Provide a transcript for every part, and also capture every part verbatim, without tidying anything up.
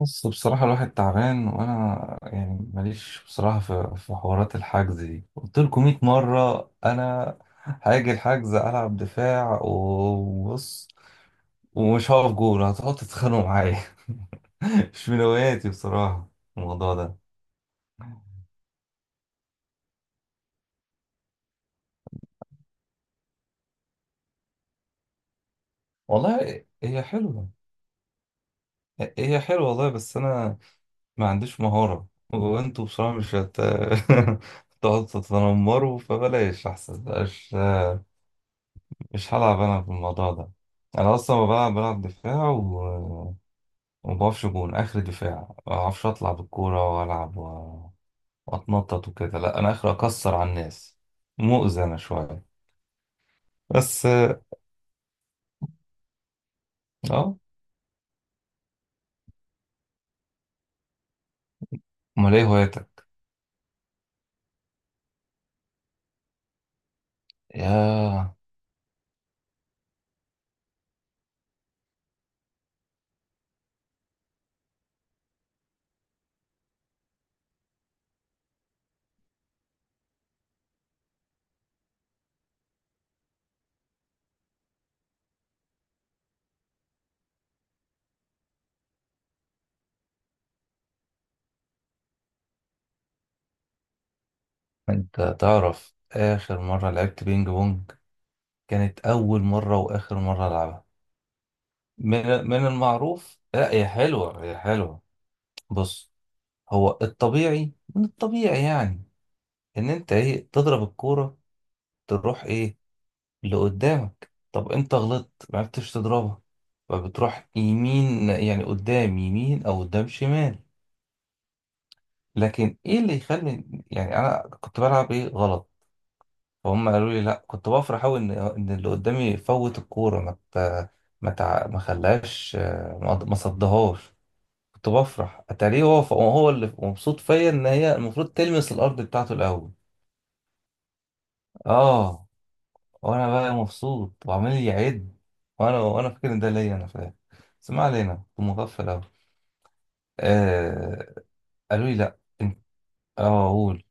بص، بصراحة الواحد تعبان وأنا يعني ماليش بصراحة في, في حوارات الحجز دي. قلت لكم مائة مرة أنا هاجي الحجز ألعب دفاع، وبص ومش هقف جول هتقعدوا تتخانقوا معايا. مش من هواياتي بصراحة الموضوع ده. والله هي حلوة، هي حلوة والله، بس أنا ما عنديش مهارة. وأنتوا بصراحة مش هت... تقعدوا تتنمروا فبلاش أحسن بلاش. مش هلعب انا في الموضوع ده. انا اصلا ما بلعب، بلعب دفاع و... وما بعرفش جون اخر دفاع. ما بعرفش اطلع بالكوره والعب و... واتنطط وكده. لا، انا اخر اكسر على الناس، مؤذي انا شويه. بس اه، امال ايه هوايتك؟ يا، انت تعرف اخر مره لعبت بينج بونج؟ كانت اول مره واخر مره العبها. من من المعروف، لا هي حلوه، هي حلوه. بص، هو الطبيعي، من الطبيعي يعني ان انت ايه تضرب الكوره تروح ايه اللي قدامك. طب انت غلطت ما عرفتش تضربها، فبتروح يمين، يعني قدام يمين او قدام شمال. لكن ايه اللي يخلي، يعني انا كنت بلعب ايه غلط؟ فهم قالوا لي لا، كنت بفرح قوي ان ان اللي قدامي يفوت الكوره، ما ت- ما تع- ما خلاش ما ما صدهاش. كنت بفرح، اتاريه هو هو اللي مبسوط فيا، ان هي المفروض تلمس الارض بتاعته الاول. اه، وانا بقى مبسوط وعمال يعد. وانا وانا فاكر ان ده ليا، انا فاهم. بس ما علينا، كنت مغفل اوي. آه قالوا لي لا انت، اه اقول.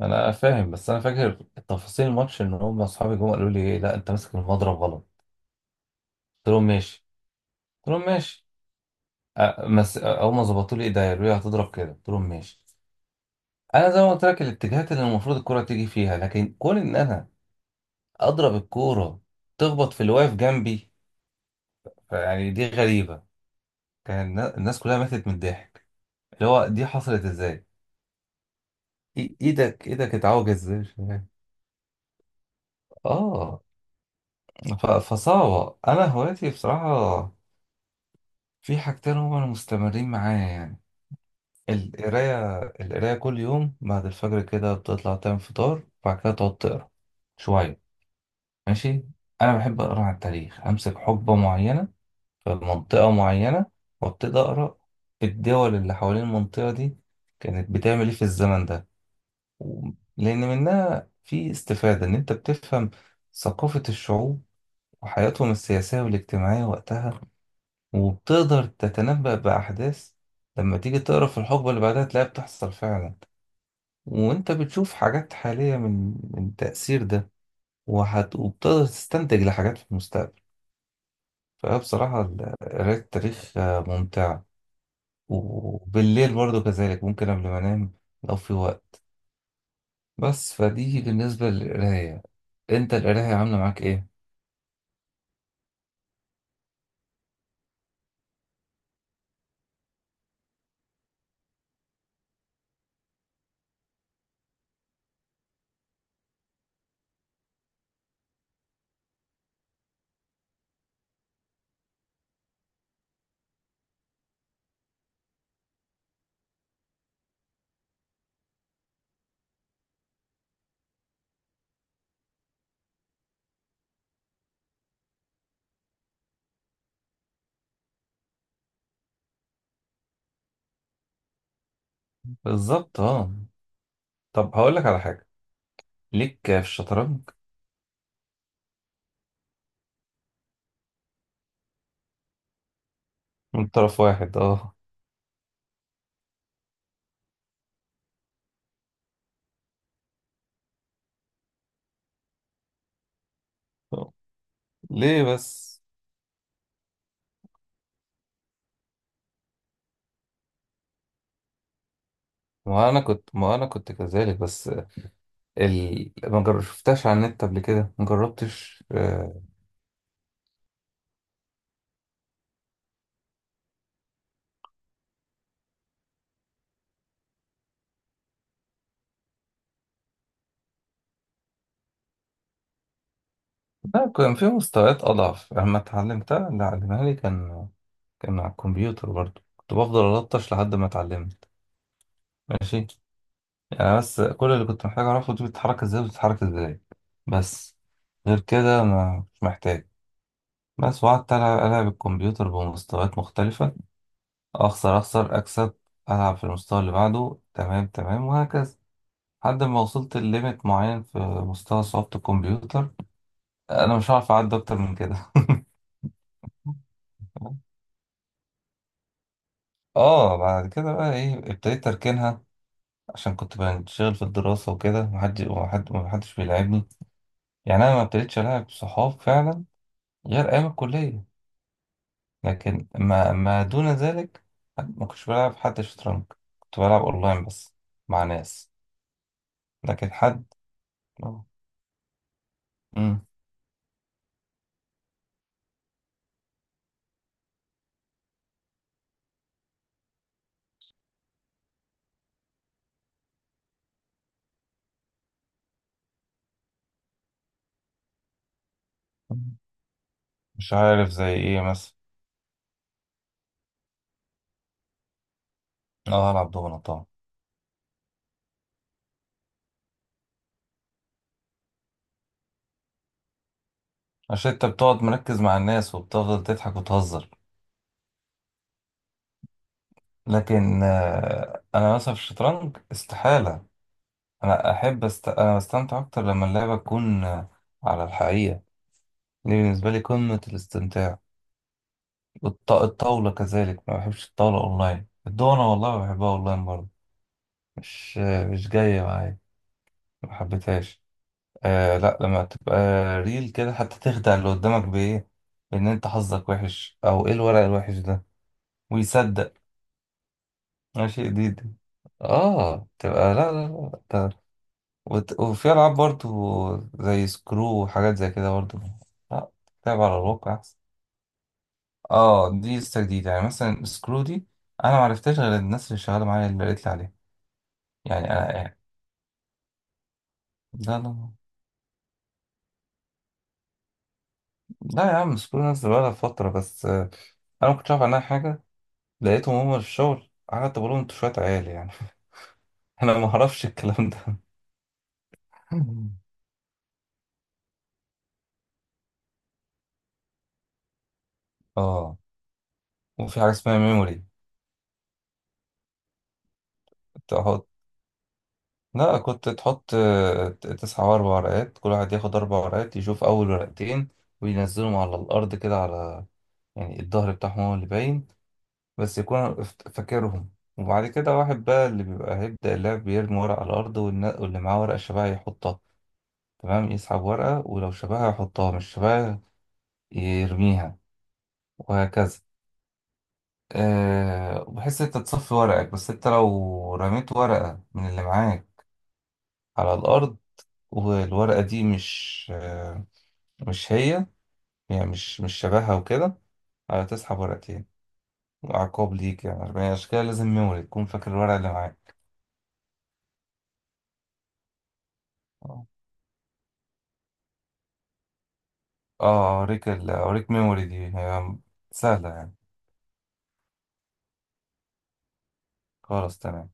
انا فاهم بس انا فاكر تفاصيل الماتش، ان هم اصحابي جم قالوا لي ايه، لا انت ماسك المضرب غلط. قلت لهم ماشي، قلت لهم ماشي. آه مس... آه، اول ما ظبطوا لي ايديا قالوا لي هتضرب كده، قلت لهم ماشي. انا زي ما قلت لك، الاتجاهات اللي المفروض الكرة تيجي فيها، لكن كون ان انا اضرب الكورة تخبط في اللي واقف جنبي، يعني دي غريبة. كان النا- الناس كلها ماتت من الضحك، اللي هو دي حصلت ازاي. إي- ايدك ايدك اتعوج ازاي، مش فاهم. اه، ف- فصعبة. انا هوايتي بصراحة في حاجتين هما اللي مستمرين معايا يعني. القراية، القراية كل يوم بعد الفجر كده بتطلع تعمل فطار وبعد كده تقعد تقرا شوية. ماشي، انا بحب اقرا عن التاريخ، امسك حقبة معينة في منطقة معينة وابتدي اقرا الدول اللي حوالين المنطقة دي كانت بتعمل ايه في الزمن ده. و- لأن منها في استفادة، إن أنت بتفهم ثقافة الشعوب وحياتهم السياسية والاجتماعية وقتها، وبتقدر تتنبأ بأحداث لما تيجي تقرا في الحقبة اللي بعدها تلاقيها بتحصل فعلا. وأنت بتشوف حاجات حالية من من التأثير ده. وهت... وبتقدر تستنتج لحاجات في المستقبل. فبصراحة ال- قراية التاريخ آه، ممتعة. وبالليل برضو كذلك ممكن قبل ما أنام لو في وقت. بس فدي بالنسبة للقراية. انت القراية عاملة معاك ايه؟ بالظبط، اه. طب هقول لك على حاجة ليك في الشطرنج. من طرف واحد، اه. ليه بس؟ ما انا كنت ما انا كنت كذلك بس. ال... ما جر- شفتهاش على النت قبل كده، ما جربتش. آه، لا، كان في مستويات اضعف لما اتعلمتها. اللي علمها لي كان، كان على الكمبيوتر برضو، كنت بفضل الطش لحد ما اتعلمت. ماشي، يعني بس كل اللي كنت محتاج اعرفه، دي بتتحرك ازاي وبتتحرك ازاي، بس. غير كده ما، مش محتاج. بس وقعدت ألعب ألعب الكمبيوتر بمستويات مختلفة. أخسر، أخسر، أكسب. ألعب في المستوى اللي بعده، تمام تمام، وهكذا لحد ما وصلت لليميت معين في مستوى صعوبة الكمبيوتر. أنا مش هعرف أعدي أكتر من كده. اه، بعد كده بقى ايه ابتديت اركنها عشان كنت بنشغل في الدراسة وكده، محد وحد محدش بيلعبني. يعني انا ما ابتديتش العب صحاب فعلا غير ايام الكلية. لكن ما, ما دون ذلك ما كنتش بلعب حد شطرنج. كنت بلعب اونلاين بس مع ناس. لكن حد، آه. مم. مش عارف زي ايه مثلا؟ اه، العب دومنة طبعا. عشان انت بتقعد مركز مع الناس وبتفضل تضحك وتهزر. لكن آه، انا مثلا في الشطرنج استحالة. انا احب است... انا بستمتع اكتر لما اللعبة تكون آه، على الحقيقة. دي بالنسبة لي قمة الاستمتاع. والط... الطاولة كذلك، ما بحبش الطاولة اونلاين. الدومنة والله بحبها اونلاين برضه، مش مش جاية معايا، ما حبيتهاش. آه، لا لما تبقى ريل كده حتى تخدع اللي قدامك بإيه، إن أنت حظك وحش أو إيه الورق الوحش ده، ويصدق. ماشي جديد. آه تبقى لا لا لا، ده. وت- وفي ألعاب برضو زي سكرو وحاجات زي كده برضو. لا، تلعب على الواقع أحسن. آه دي لسه جديدة، يعني مثلا سكرو دي أنا معرفتهاش غير الناس اللي شغالة معايا اللي قالت لي عليها. يعني أنا يعني، لا لا. لا يا عم، مش كل الناس بقالها فترة، بس آه، أنا ما كنتش أعرف عنها حاجة. لقيتهم هما في الشغل قعدت بقول لهم أنتوا شوية عيال يعني. أنا ما أعرفش الكلام ده. آه، وفي حاجة اسمها ميموري. تحط، لا كنت تحط آه، تسعة وأربع ورقات، كل واحد ياخد أربع ورقات يشوف أول ورقتين وينزلهم على الأرض كده، على يعني الظهر بتاعهم هو اللي باين، بس يكون فت- فاكرهم. وبعد كده واحد بقى اللي بيبقى هيبدأ اللعب بيرمي ورق على الأرض، والنا- واللي معاه ورقة شبه يحطها، تمام، يسحب ورقة ولو شبهها يحطها، مش شبهها يرميها، وهكذا. أه، بحيث انت تصفي ورقك. بس انت لو رميت ورقة من اللي معاك على الأرض والورقة دي مش أه، مش هي، يعني مش مش شبهها وكده، أه تسحب ورقتين. وعقاب ليك، يعني عشان كده لازم ميموري تكون فاكر الورقة اللي معاك. اه، اوريك ال- اوريك ميموري دي، هي سهلة يعني. خلاص تمام.